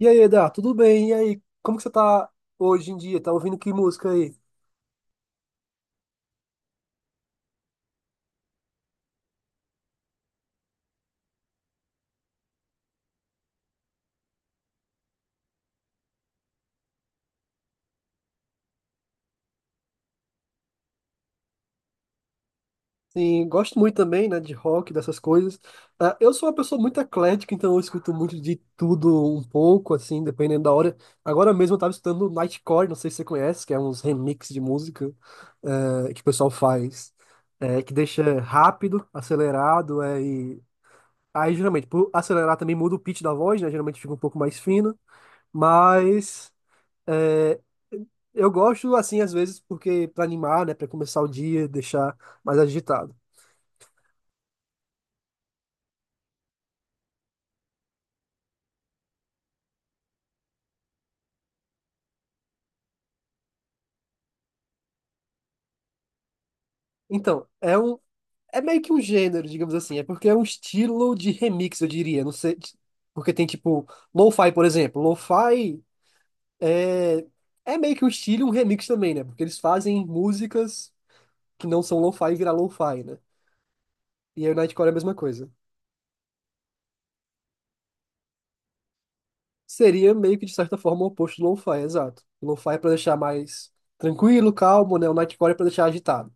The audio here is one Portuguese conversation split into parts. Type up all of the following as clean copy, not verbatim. E aí, Eda, tudo bem? E aí, como que você tá hoje em dia? Tá ouvindo que música aí? Sim, gosto muito também, né, de rock, dessas coisas. Ah, eu sou uma pessoa muito eclética, então eu escuto muito de tudo um pouco, assim, dependendo da hora. Agora mesmo eu tava escutando Nightcore, não sei se você conhece, que é uns remix de música, que o pessoal faz, que deixa rápido, acelerado, Aí, geralmente, por acelerar também muda o pitch da voz, né? Geralmente fica um pouco mais fino, mas... eh, Eu gosto assim às vezes porque para animar, né, para começar o dia, deixar mais agitado. Então, é meio que um gênero, digamos assim, é porque é um estilo de remix, eu diria, não sei, porque tem tipo lo-fi, por exemplo. Lo-fi é é meio que um estilo, e um remix também, né? Porque eles fazem músicas que não são lo-fi virar lo-fi, né? E aí o Nightcore é a mesma coisa. Seria meio que de certa forma o oposto do lo-fi, exato. O lo-fi é para deixar mais tranquilo, calmo, né? O Nightcore é para deixar agitado.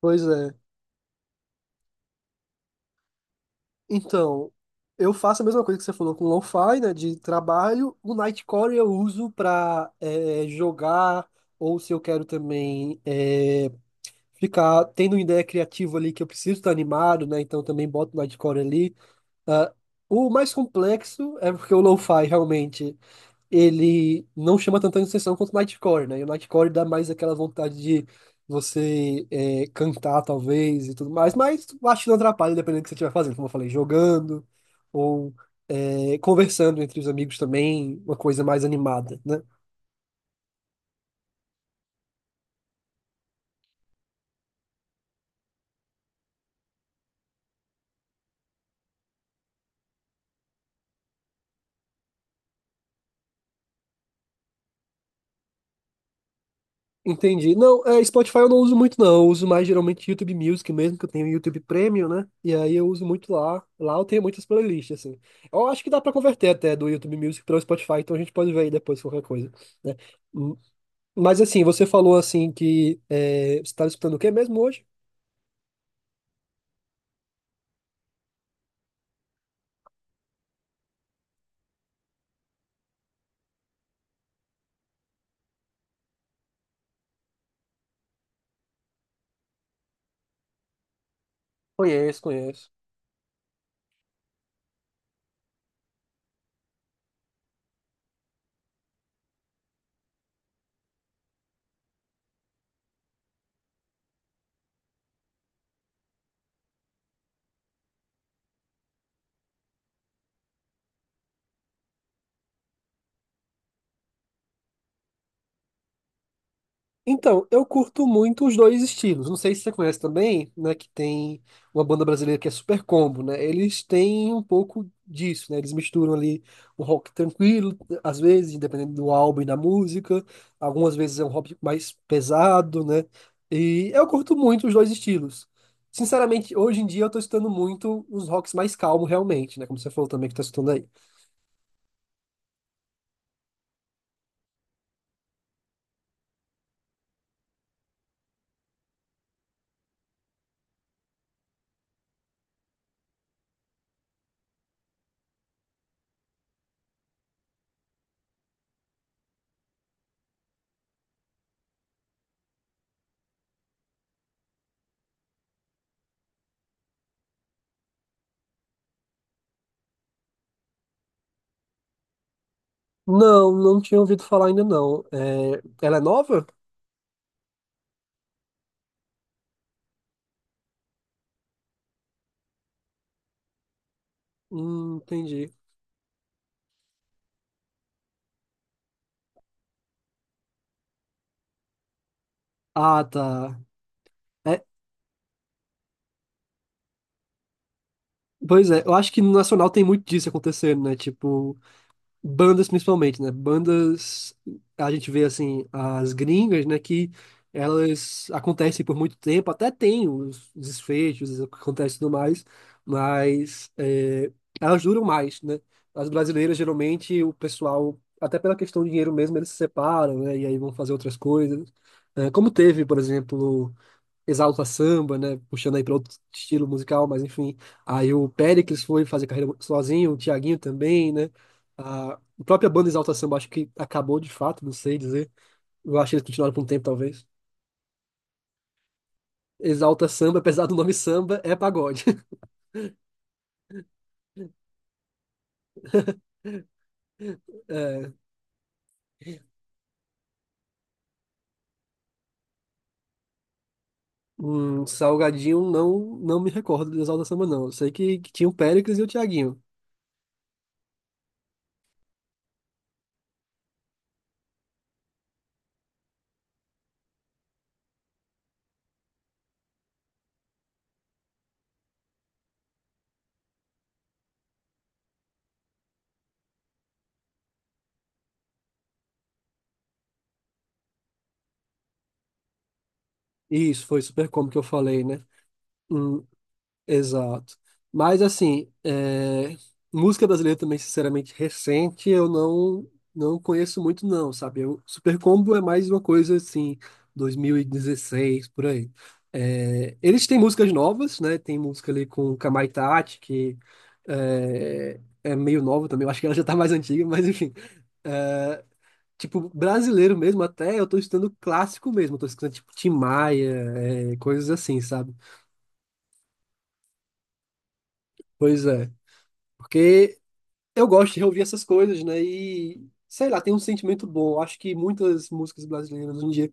Pois é. Então, eu faço a mesma coisa que você falou com o lo-fi, né, de trabalho. O Nightcore eu uso para jogar, ou se eu quero também ficar tendo uma ideia criativa ali que eu preciso estar animado, né, então eu também boto o Nightcore ali. Ah, o mais complexo é porque o lo-fi realmente ele não chama tanta atenção quanto o Nightcore, né? E o Nightcore dá mais aquela vontade de você cantar, talvez, e tudo mais, mas eu acho que não atrapalha, dependendo do que você estiver fazendo, como eu falei, jogando ou conversando entre os amigos também, uma coisa mais animada, né? Entendi. Não, Spotify eu não uso muito, não. Eu uso mais geralmente YouTube Music mesmo, que eu tenho YouTube Premium, né? E aí eu uso muito lá. Lá eu tenho muitas playlists, assim. Eu acho que dá pra converter até do YouTube Music para o Spotify, então a gente pode ver aí depois qualquer coisa, né? Mas assim, você falou assim que você estava escutando o quê mesmo hoje? Conheço, conheço. Então, eu curto muito os dois estilos. Não sei se você conhece também, né? Que tem uma banda brasileira que é Super Combo, né? Eles têm um pouco disso, né? Eles misturam ali um rock tranquilo, às vezes, dependendo do álbum e da música. Algumas vezes é um rock mais pesado, né? E eu curto muito os dois estilos. Sinceramente, hoje em dia eu tô escutando muito os rocks mais calmos, realmente, né? Como você falou também que tá escutando aí. Não, não tinha ouvido falar ainda não. É, ela é nova? Entendi. Ah, tá. É, pois é, eu acho que no Nacional tem muito disso acontecendo, né? Tipo, bandas principalmente, né? Bandas, a gente vê assim, as gringas, né, que elas acontecem por muito tempo, até tem os desfechos, o que acontece e tudo mais, mas é, elas duram mais, né? As brasileiras, geralmente, o pessoal, até pela questão de dinheiro mesmo, eles se separam, né? E aí vão fazer outras coisas. É, como teve, por exemplo. Exalta Samba, né? Puxando aí para outro estilo musical, mas enfim. Aí o Péricles foi fazer carreira sozinho, o Thiaguinho também, né? A própria banda Exalta Samba acho que acabou de fato, não sei dizer. Eu acho que eles continuaram por um tempo, talvez. Exalta Samba, apesar do nome samba, é pagode. É, um Salgadinho não me recordo do Exalta Samba, não. Eu sei que tinha o Péricles e o Thiaguinho. Isso, foi super como que eu falei, né? Um, Exato. Mas assim, música brasileira também, sinceramente, recente, eu não conheço muito não, sabe? Super Combo é mais uma coisa assim, 2016, por aí. É, eles têm músicas novas, né? Tem música ali com Kamai Tati, que é meio nova também, eu acho que ela já tá mais antiga, mas enfim. É, tipo, brasileiro mesmo, até eu tô escutando clássico mesmo, eu tô escutando tipo Tim Maia, coisas assim, sabe? Pois é. Porque eu gosto de reouvir essas coisas, né? E sei lá, tem um sentimento bom. Acho que muitas músicas brasileiras hoje em dia,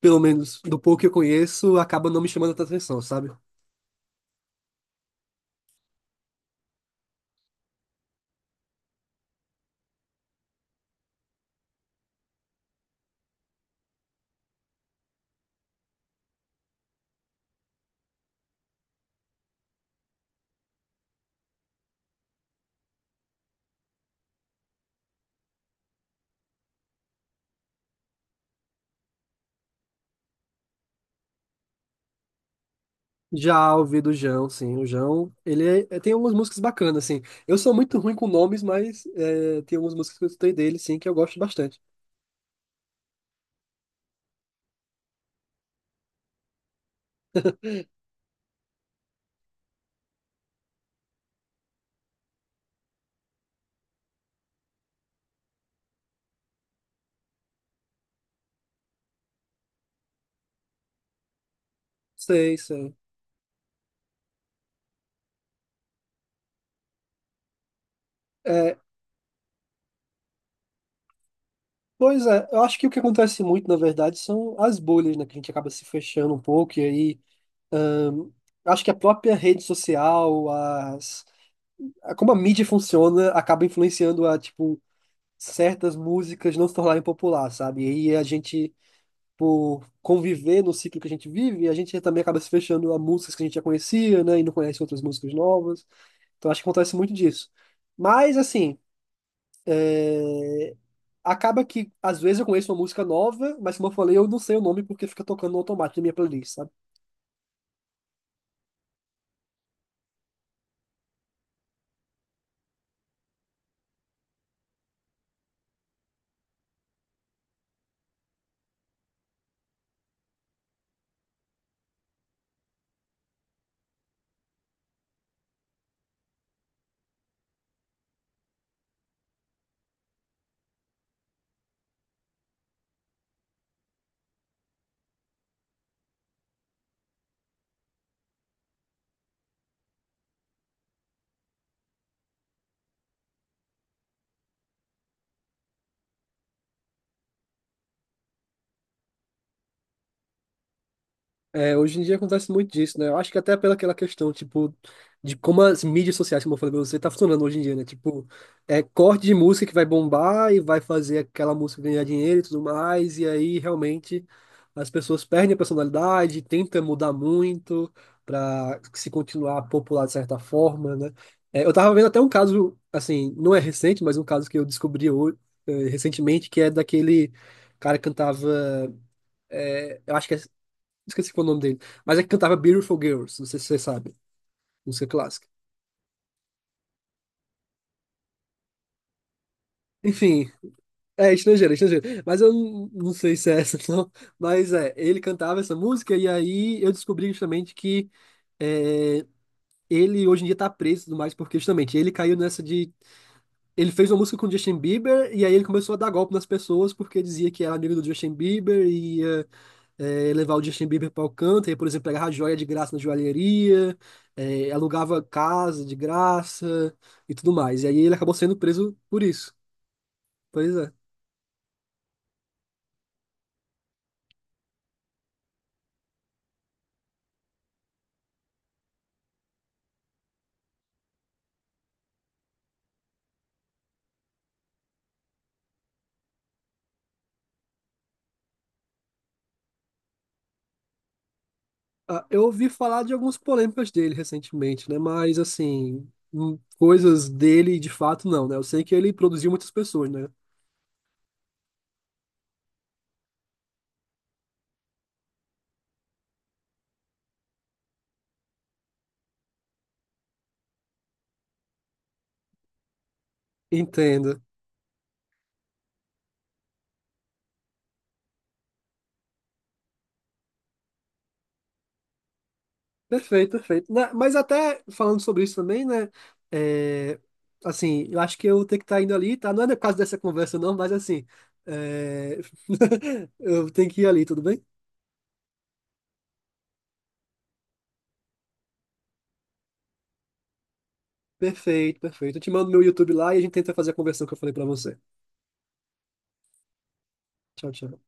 pelo menos do pouco que eu conheço, acabam não me chamando tanta atenção, sabe? Já ouvi do Jão, sim. O Jão, ele tem algumas músicas bacanas, assim. Eu sou muito ruim com nomes, mas tem algumas músicas que eu escutei dele, sim, que eu gosto bastante. Sei, sei. É, pois é, eu acho que o que acontece muito, na verdade, são as bolhas, né? Que a gente acaba se fechando um pouco e aí acho que a própria rede social, as como a mídia funciona, acaba influenciando a, tipo, certas músicas não se tornarem popular, sabe? E aí a gente, por conviver no ciclo que a gente vive, a gente também acaba se fechando a músicas que a gente já conhecia, né? E não conhece outras músicas novas. Então acho que acontece muito disso. Mas, assim, acaba que às vezes eu conheço uma música nova, mas como eu falei, eu não sei o nome porque fica tocando no automático na minha playlist. É, hoje em dia acontece muito disso, né? Eu acho que até pela aquela questão, tipo, de como as mídias sociais, como eu falei pra você, tá funcionando hoje em dia, né? Tipo, é corte de música que vai bombar e vai fazer aquela música ganhar dinheiro e tudo mais, e aí realmente as pessoas perdem a personalidade, tentam mudar muito pra se continuar popular de certa forma, né? É, eu tava vendo até um caso, assim, não é recente, mas um caso que eu descobri hoje, recentemente, que é daquele cara que cantava, eh, eu acho que é Esqueci qual é o nome dele. Mas é que cantava Beautiful Girls, não sei se você sabe. Música clássica. Enfim, é estrangeiro, é estrangeiro. Mas eu não sei se é essa, não. Mas ele cantava essa música e aí eu descobri justamente que é, ele hoje em dia tá preso e tudo mais, porque justamente ele caiu nessa de. Ele fez uma música com o Justin Bieber e aí ele começou a dar golpe nas pessoas porque dizia que era amigo do Justin Bieber e ia levar o Justin Bieber para Alcântara, por exemplo, pegava joia de graça na joalheria, alugava casa de graça e tudo mais. E aí ele acabou sendo preso por isso. Pois é. Ah, eu ouvi falar de algumas polêmicas dele recentemente, né? Mas, assim, coisas dele de fato não, né? Eu sei que ele produziu muitas pessoas, né? Entenda. Perfeito, perfeito. Né, mas até falando sobre isso também, né? é, assim, eu acho que eu tenho que estar indo ali, tá? Não é no caso dessa conversa, não, mas assim, é, eu tenho que ir ali, tudo bem? Perfeito, perfeito. Eu te mando meu YouTube lá e a gente tenta fazer a conversão que eu falei pra você. Tchau, tchau.